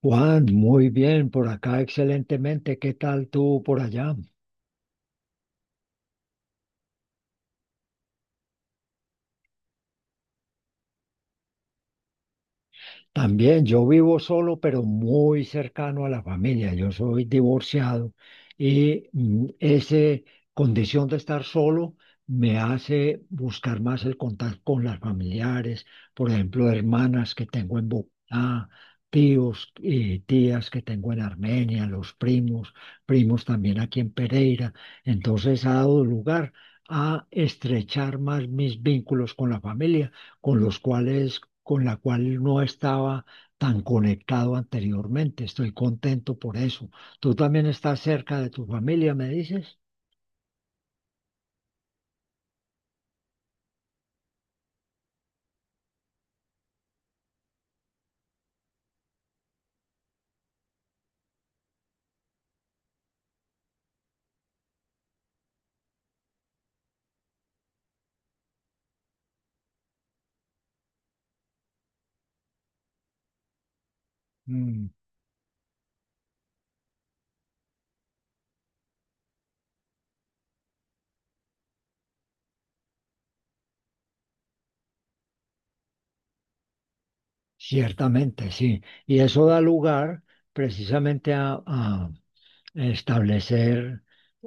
Juan, muy bien, por acá excelentemente. ¿Qué tal tú por allá? También yo vivo solo, pero muy cercano a la familia. Yo soy divorciado y ese condición de estar solo me hace buscar más el contacto con las familiares, por ejemplo, hermanas que tengo en Bogotá, tíos y tías que tengo en Armenia, los primos, primos también aquí en Pereira. Entonces ha dado lugar a estrechar más mis vínculos con la familia con los cuales, con la cual no estaba tan conectado anteriormente. Estoy contento por eso. ¿Tú también estás cerca de tu familia, me dices? Mm, Ciertamente, sí. Y eso da lugar precisamente a establecer,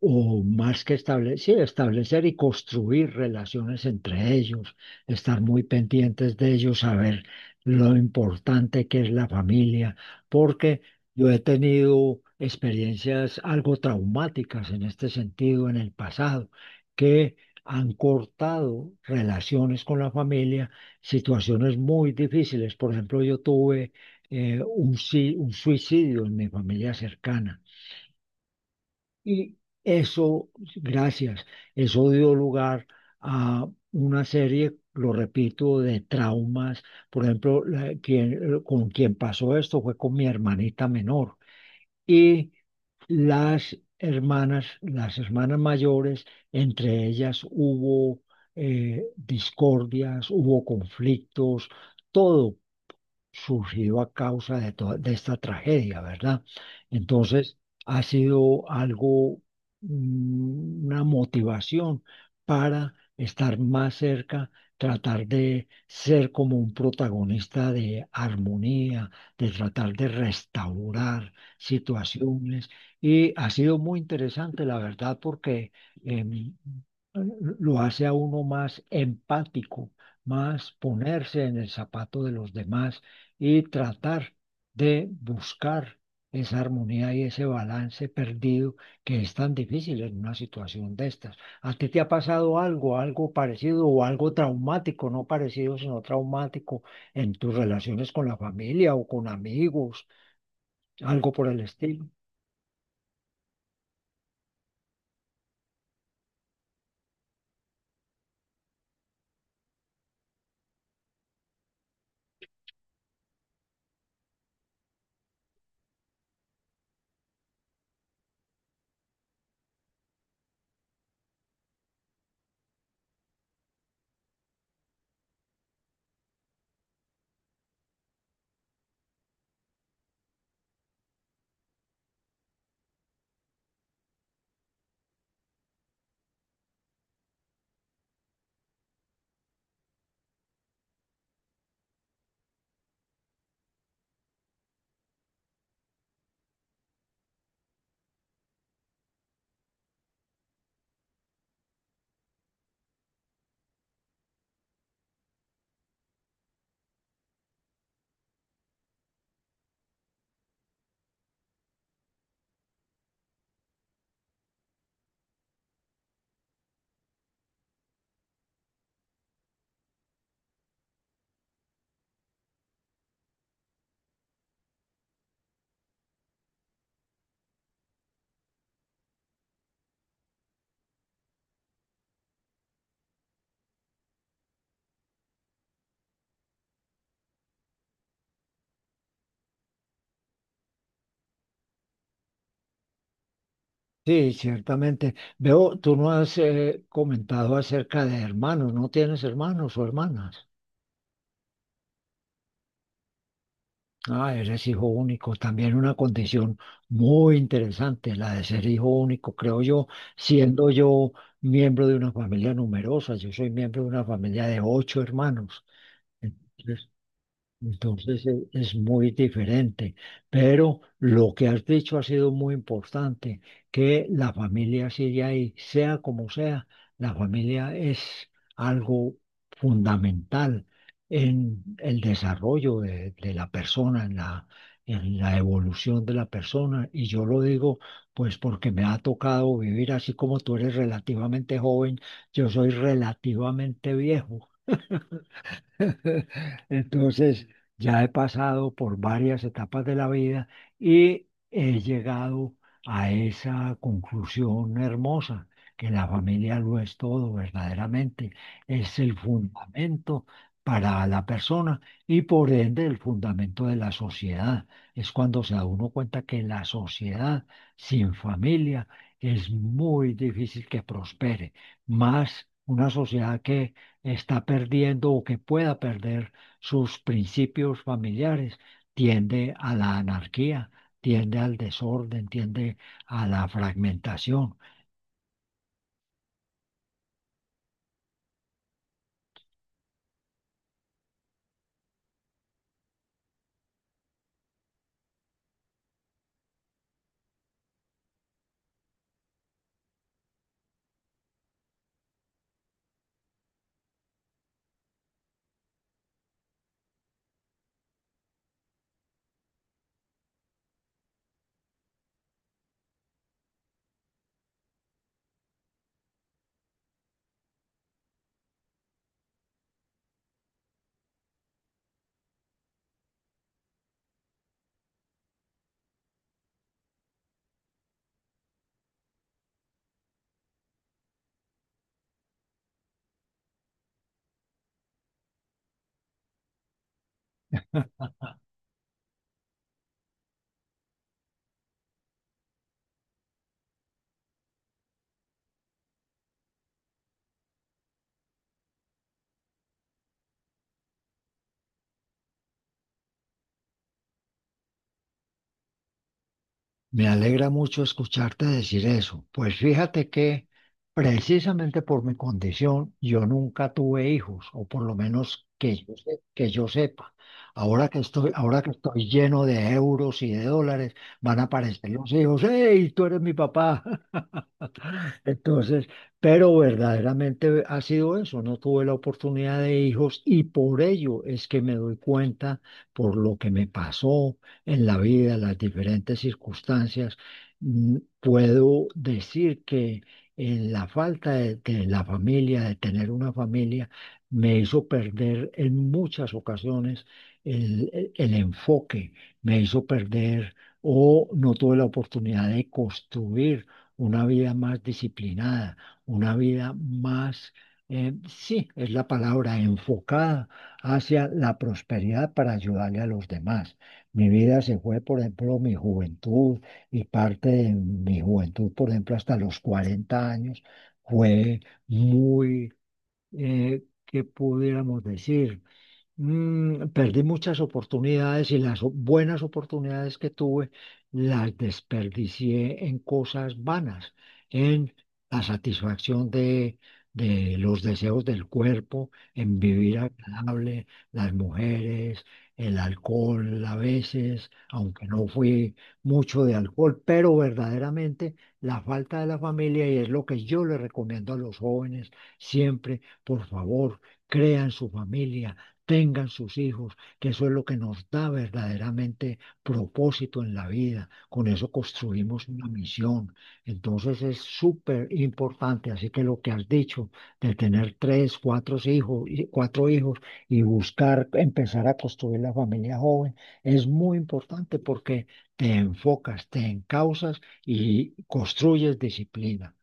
o más que establecer, sí, establecer y construir relaciones entre ellos, estar muy pendientes de ellos, saber lo importante que es la familia, porque yo he tenido experiencias algo traumáticas en este sentido en el pasado, que han cortado relaciones con la familia, situaciones muy difíciles. Por ejemplo, yo tuve un, si- un suicidio en mi familia cercana y eso, gracias, eso dio lugar a una serie, lo repito, de traumas. Por ejemplo, con quien pasó esto fue con mi hermanita menor. Y las hermanas mayores, entre ellas hubo discordias, hubo conflictos, todo surgido a causa de, toda, de esta tragedia, ¿verdad? Entonces, ha sido algo, una motivación para estar más cerca, tratar de ser como un protagonista de armonía, de tratar de restaurar situaciones. Y ha sido muy interesante, la verdad, porque em, lo hace a uno más empático, más ponerse en el zapato de los demás y tratar de buscar esa armonía y ese balance perdido que es tan difícil en una situación de estas. ¿A ti te ha pasado algo, algo parecido o algo traumático, no parecido, sino traumático en tus relaciones con la familia o con amigos, algo por el estilo? Sí, ciertamente. Veo, tú no has comentado acerca de hermanos, no tienes hermanos o hermanas. Ah, eres hijo único, también una condición muy interesante, la de ser hijo único, creo yo, siendo yo miembro de una familia numerosa, yo soy miembro de una familia de ocho hermanos. Entonces es muy diferente, pero lo que has dicho ha sido muy importante, que la familia sigue ahí, sea como sea, la familia es algo fundamental en el desarrollo de la persona, en la evolución de la persona. Y yo lo digo pues porque me ha tocado vivir así como tú eres relativamente joven, yo soy relativamente viejo. Entonces, ya he pasado por varias etapas de la vida y he llegado a esa conclusión hermosa, que la familia lo es todo verdaderamente, es el fundamento para la persona y por ende el fundamento de la sociedad. Es cuando se da uno cuenta que la sociedad sin familia es muy difícil que prospere, más una sociedad que está perdiendo o que pueda perder sus principios familiares, tiende a la anarquía, tiende al desorden, tiende a la fragmentación. Me alegra mucho escucharte decir eso. Pues fíjate que precisamente por mi condición yo nunca tuve hijos, o por lo menos que yo, que yo sepa. Ahora que estoy lleno de euros y de dólares, van a aparecer los hijos. ¡Hey, tú eres mi papá! Entonces, pero verdaderamente ha sido eso, no tuve la oportunidad de hijos y por ello es que me doy cuenta por lo que me pasó en la vida, las diferentes circunstancias. Puedo decir que en la falta de la familia, de tener una familia, me hizo perder en muchas ocasiones el, el enfoque, me hizo perder o no tuve la oportunidad de construir una vida más disciplinada, una vida más, sí, es la palabra, enfocada hacia la prosperidad para ayudarle a los demás. Mi vida se fue, por ejemplo, mi juventud y parte de mi juventud, por ejemplo, hasta los 40 años, fue muy, ¿qué pudiéramos decir? Perdí muchas oportunidades y las buenas oportunidades que tuve las desperdicié en cosas vanas, en la satisfacción de los deseos del cuerpo, en vivir agradable, las mujeres, el alcohol a veces, aunque no fui mucho de alcohol, pero verdaderamente la falta de la familia y es lo que yo le recomiendo a los jóvenes siempre, por favor, crean su familia, tengan sus hijos, que eso es lo que nos da verdaderamente propósito en la vida. Con eso construimos una misión. Entonces es súper importante, así que lo que has dicho de tener tres, cuatro hijos, y buscar empezar a construir la familia joven es muy importante porque te enfocas, te encauzas y construyes disciplina.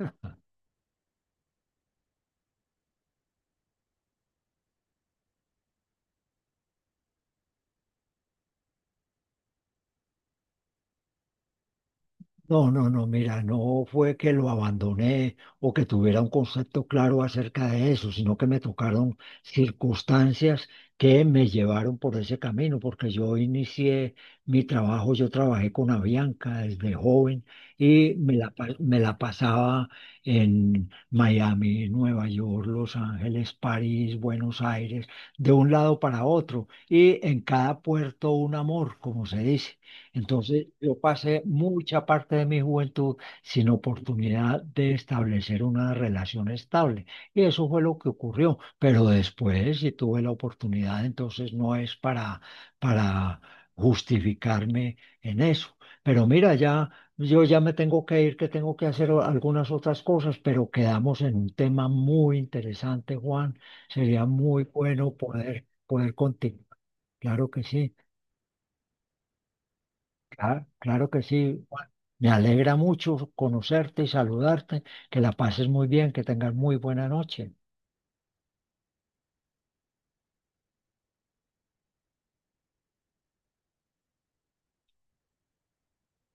No, no, no, mira, no fue que lo abandoné o que tuviera un concepto claro acerca de eso, sino que me tocaron circunstancias que me llevaron por ese camino, porque yo inicié mi trabajo, yo trabajé con Avianca desde joven y me la pasaba en Miami, Nueva York, Los Ángeles, París, Buenos Aires, de un lado para otro y en cada puerto un amor, como se dice. Entonces, yo pasé mucha parte de mi juventud sin oportunidad de establecer una relación estable. Y eso fue lo que ocurrió. Pero después, si tuve la oportunidad, entonces no es para, para justificarme en eso. Pero mira, ya yo ya me tengo que ir, que tengo que hacer algunas otras cosas, pero quedamos en un tema muy interesante, Juan. Sería muy bueno poder, continuar. Claro que sí. Claro, claro que sí. Juan. Me alegra mucho conocerte y saludarte. Que la pases muy bien, que tengas muy buena noche.